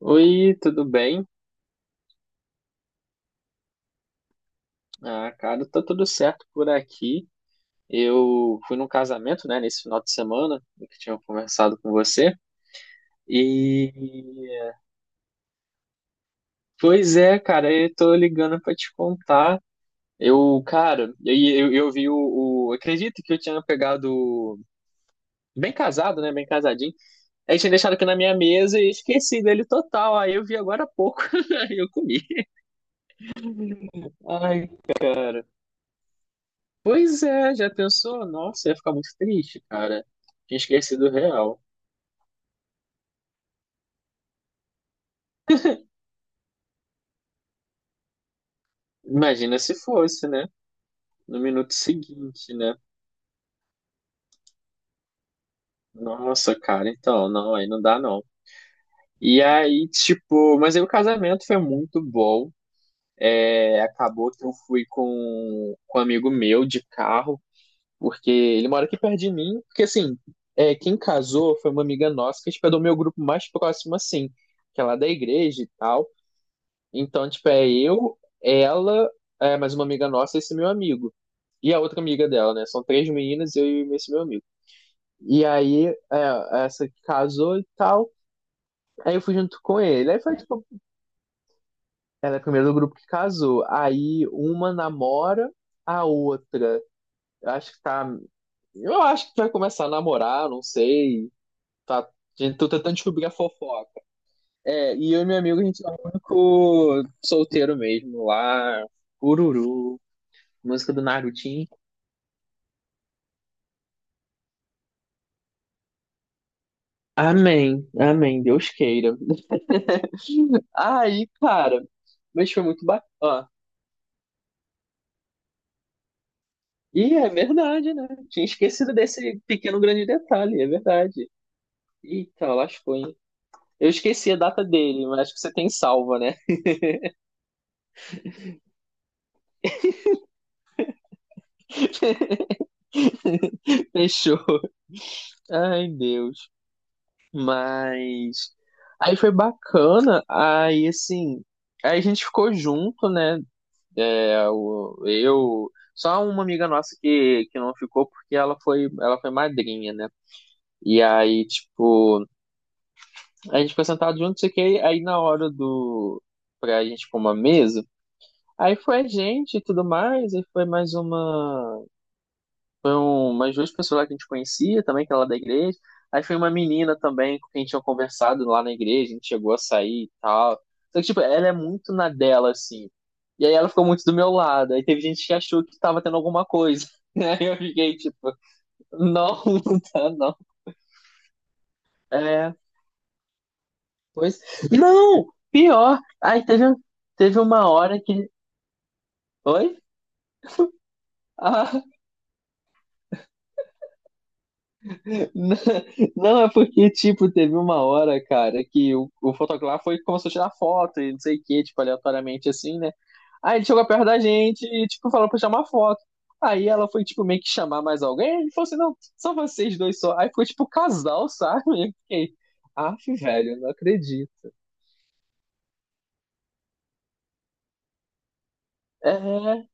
Oi, tudo bem? Ah, cara, tá tudo certo por aqui. Eu fui num casamento, né, nesse final de semana, do que tinha conversado com você. E, Pois é, cara, eu tô ligando pra te contar. Eu, cara, eu vi Acredito que eu tinha pegado. Bem casado, né? Bem casadinho. Aí tinha deixado aqui na minha mesa e esqueci dele total. Aí eu vi agora há pouco. Aí eu comi. Ai, pois é, já pensou? Nossa, ia ficar muito triste, cara. Tinha esquecido o real. Imagina se fosse, né? No minuto seguinte, né? Nossa, cara, então, não, aí não dá não. E aí, tipo, mas aí o casamento foi muito bom. É, acabou que eu fui com um amigo meu de carro, porque ele mora aqui perto de mim. Porque assim, é, quem casou foi uma amiga nossa que, tipo, é do meu grupo mais próximo, assim, que é lá da igreja e tal. Então, tipo, é eu, ela, é, mais uma amiga nossa e esse meu amigo. E a outra amiga dela, né? São três meninas, eu e esse meu amigo. E aí, é, essa que casou e tal. Aí eu fui junto com ele. Aí foi, tipo, ela é a primeira do grupo que casou. Aí uma namora a outra. Eu acho que tá. Eu acho que vai começar a namorar, não sei. Tá, a gente, tô tentando descobrir a fofoca. É, e eu e meu amigo, a gente é o único solteiro mesmo lá. Ururu. Música do Narutinho. Amém, amém, Deus queira. Aí, cara, mas foi muito bacana. Ó, e é verdade, né? Tinha esquecido desse pequeno grande detalhe, é verdade. Eita, lascou, hein? Eu esqueci a data dele, mas acho que você tem salva, né? Fechou. Ai, Deus. Mas. Aí foi bacana, aí assim. Aí a gente ficou junto, né? É, eu, só uma amiga nossa que não ficou porque ela foi madrinha, né? E aí, tipo, a gente foi sentado junto, não sei o que, aí na hora do, pra gente pôr uma mesa, aí foi a gente e tudo mais, aí foi mais umas duas pessoas lá que a gente conhecia também, que era lá da igreja. Aí foi uma menina também com quem a gente tinha conversado lá na igreja, a gente chegou a sair e tal. Só que, tipo, ela é muito na dela, assim. E aí ela ficou muito do meu lado. Aí teve gente que achou que tava tendo alguma coisa. Aí eu fiquei, tipo, não, não tá, não. É, pois. Não! Pior! Aí teve uma hora que. Oi? Ah, Não, não, é porque, tipo, teve uma hora, cara, que o fotógrafo foi e começou a tirar foto e não sei o que, tipo, aleatoriamente assim, né? Aí ele chegou perto da gente e, tipo, falou pra chamar foto. Aí ela foi, tipo, meio que chamar mais alguém. Ele falou assim: não, são vocês dois só. Aí ficou, tipo, casal, sabe? Eu fiquei, af, velho, não acredito. É,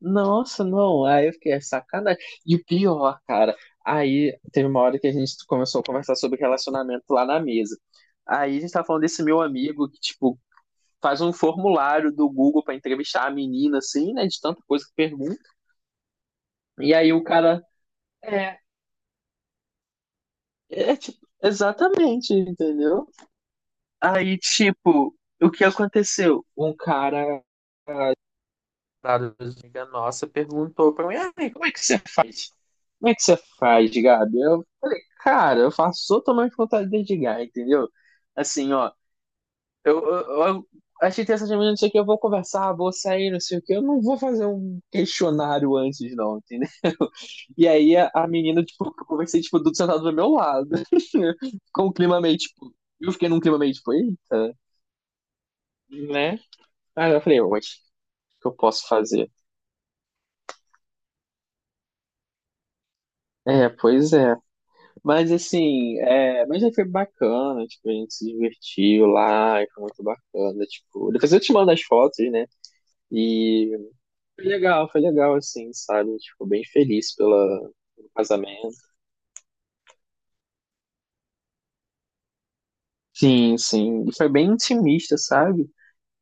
nossa, não. Aí eu fiquei, é sacanagem. E o pior, cara, aí teve uma hora que a gente começou a conversar sobre relacionamento lá na mesa. Aí a gente tava falando desse meu amigo que, tipo, faz um formulário do Google pra entrevistar a menina, assim, né? De tanta coisa que pergunta. E aí o cara. É, é, tipo, exatamente, entendeu? Aí, tipo, o que aconteceu? Um cara namorada amiga nossa perguntou pra mim: "Ai, como é que você faz? Como é que você faz, Gabi?" Eu falei, cara, eu faço totalmente vontade de dedicar, entendeu? Assim, ó, eu achei interessante, mas não sei o que, eu vou conversar, vou sair, não sei o que, eu não vou fazer um questionário antes, não, entendeu? E aí a menina, tipo, eu conversei, tipo, tudo sentado do meu lado, com o clima meio, tipo, eu fiquei num clima meio, tipo, eita, né? Aí eu falei, oxe, o que eu posso fazer? É, pois é. Mas assim, é, mas aí foi bacana, tipo, a gente se divertiu lá, e foi muito bacana, tipo, depois eu te mando as fotos, né? E foi legal, assim, sabe? Tipo, bem feliz pelo casamento. Sim, sim. E foi bem intimista, sabe?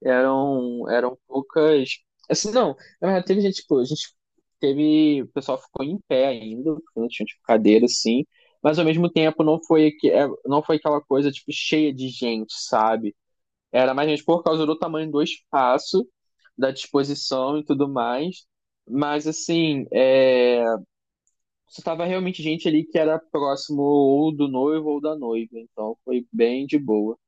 Eram poucas. Assim, não, na verdade, teve gente, tipo, a gente teve. O pessoal ficou em pé ainda, porque não tinha, tipo, cadeira, assim. Mas ao mesmo tempo não foi, é, não foi aquela coisa, tipo, cheia de gente, sabe? Era mais gente por causa do tamanho do espaço, da disposição e tudo mais. Mas assim, é, só tava realmente gente ali que era próximo ou do noivo ou da noiva. Então foi bem de boa.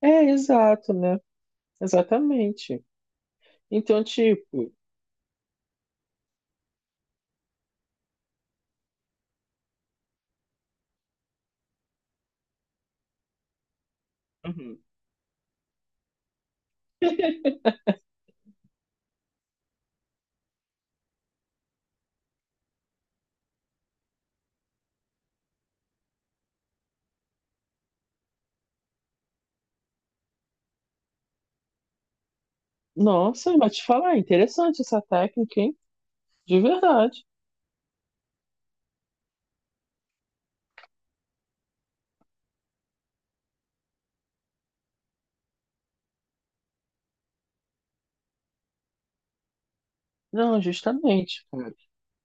É, exato, né? Exatamente. Então, tipo. Uhum. Nossa, mas te falar, interessante essa técnica, hein? De verdade. Não, justamente.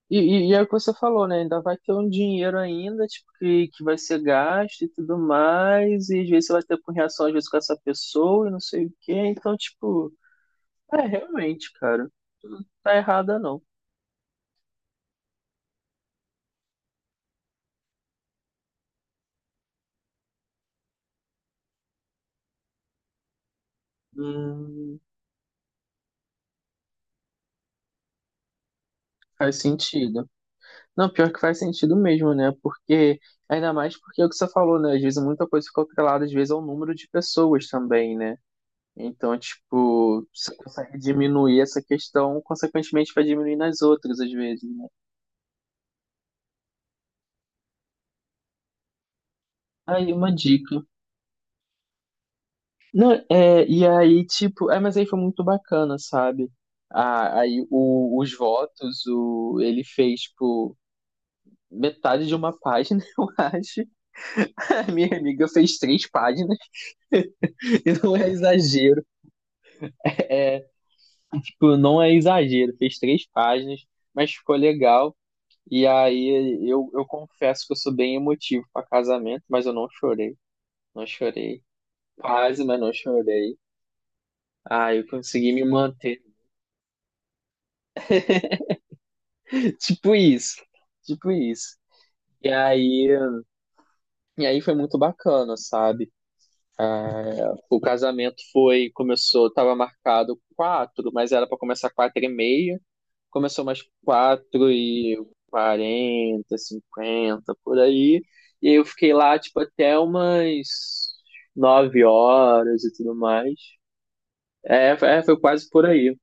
E é o que você falou, né? Ainda vai ter um dinheiro ainda, tipo, que vai ser gasto e tudo mais, e às vezes você vai ter com reação, às vezes, com essa pessoa e não sei o quê. Então, tipo, é, realmente, cara, tá errada não. Hum, Faz sentido. Não, pior que faz sentido mesmo, né? Porque, ainda mais porque é o que você falou, né? Às vezes muita coisa fica atrelada, às vezes, ao número de pessoas também, né? Então, tipo, você consegue diminuir essa questão, consequentemente vai diminuir nas outras, às vezes, né? Aí, uma dica. Não, é, e aí, tipo, é, mas aí foi muito bacana, sabe? Ah, aí os votos, ele fez, tipo, metade de uma página, eu acho. A minha amiga fez três páginas, e não é exagero, tipo, não é exagero, fez três páginas, mas ficou legal. E aí eu confesso que eu sou bem emotivo pra casamento, mas eu não chorei, não chorei. Quase, mas não chorei. Ah, eu consegui me manter. Tipo isso. Tipo isso. E aí, e aí foi muito bacana, sabe? O casamento foi, começou, tava marcado 4h, mas era para começar 4h30. Começou umas 4h40, 50, por aí. E aí eu fiquei lá, tipo, até umas 9h e tudo mais. É, é, foi quase por aí.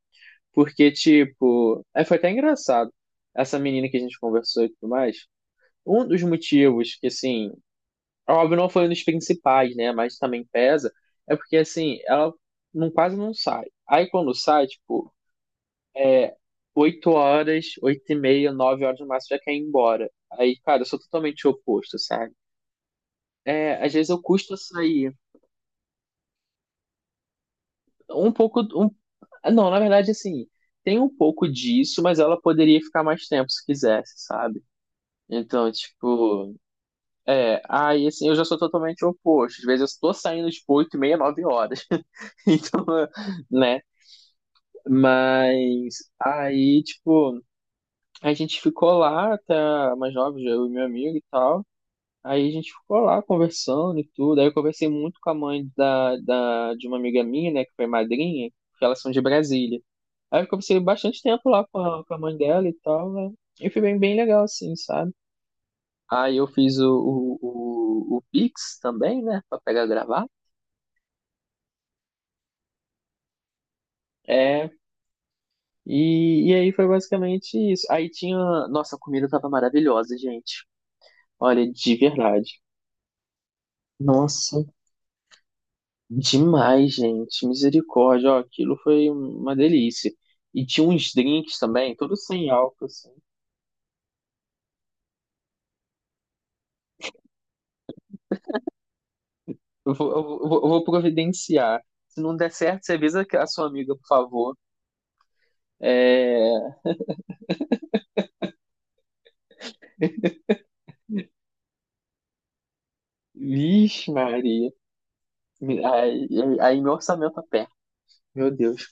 Porque, tipo, é, foi até engraçado. Essa menina que a gente conversou e tudo mais. Um dos motivos que, assim, óbvio, não foi um dos principais, né? Mas também pesa. É porque, assim, ela não, quase não sai. Aí quando sai, tipo, é 8 horas, 8h30, 9h no máximo, já quer ir embora. Aí, cara, eu sou totalmente oposto, sabe? É, às vezes eu custo a sair. Um pouco. Não, na verdade, assim, tem um pouco disso, mas ela poderia ficar mais tempo se quisesse, sabe? Então, tipo, é, aí assim, eu já sou totalmente oposto. Às vezes eu estou saindo, tipo, 8h30, 9 horas. Então, né, mas aí, tipo, a gente ficou lá até mais jovem, eu e meu amigo e tal. Aí a gente ficou lá conversando e tudo. Aí eu conversei muito com a mãe de uma amiga minha, né, que foi madrinha, porque elas são de Brasília. Aí eu conversei bastante tempo lá com a mãe dela e tal, né? E foi bem, bem legal, assim, sabe? Aí eu fiz o Pix também, né, pra pegar e gravar. É, e aí foi basicamente isso. Aí tinha. Nossa, a comida tava maravilhosa, gente. Olha, de verdade. Nossa, demais, gente. Misericórdia. Ó, aquilo foi uma delícia. E tinha uns drinks também, tudo sem álcool, assim. Eu vou, eu vou, eu vou providenciar. Se não der certo, você avisa a sua amiga, por favor. É... Vixe, Maria. Aí, aí, meu orçamento aperta. Meu Deus.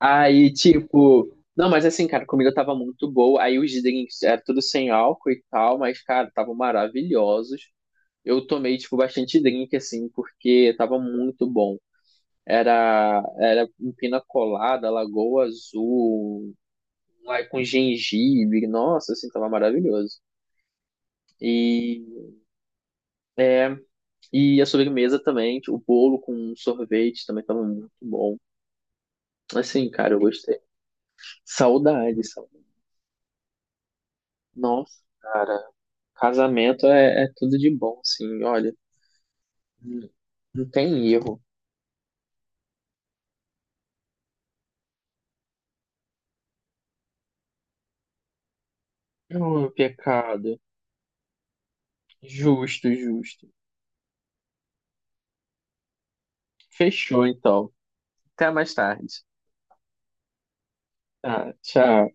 Aí, tipo. Não, mas assim, cara, a comida tava muito boa. Aí os drinks era tudo sem álcool e tal, mas, cara, estavam maravilhosos. Eu tomei, tipo, bastante drink, assim, porque tava muito bom. Era um pina colada, lagoa azul, lá com gengibre, nossa, assim, tava maravilhoso. E, e a sobremesa também, tipo, o bolo com sorvete também tava muito bom. Assim, cara, eu gostei. Saudade, saudade. Nossa, cara, casamento é tudo de bom, assim, olha, não não tem erro. Ô, pecado. Justo, justo. Fechou, então. Até mais tarde. Tá, tchau.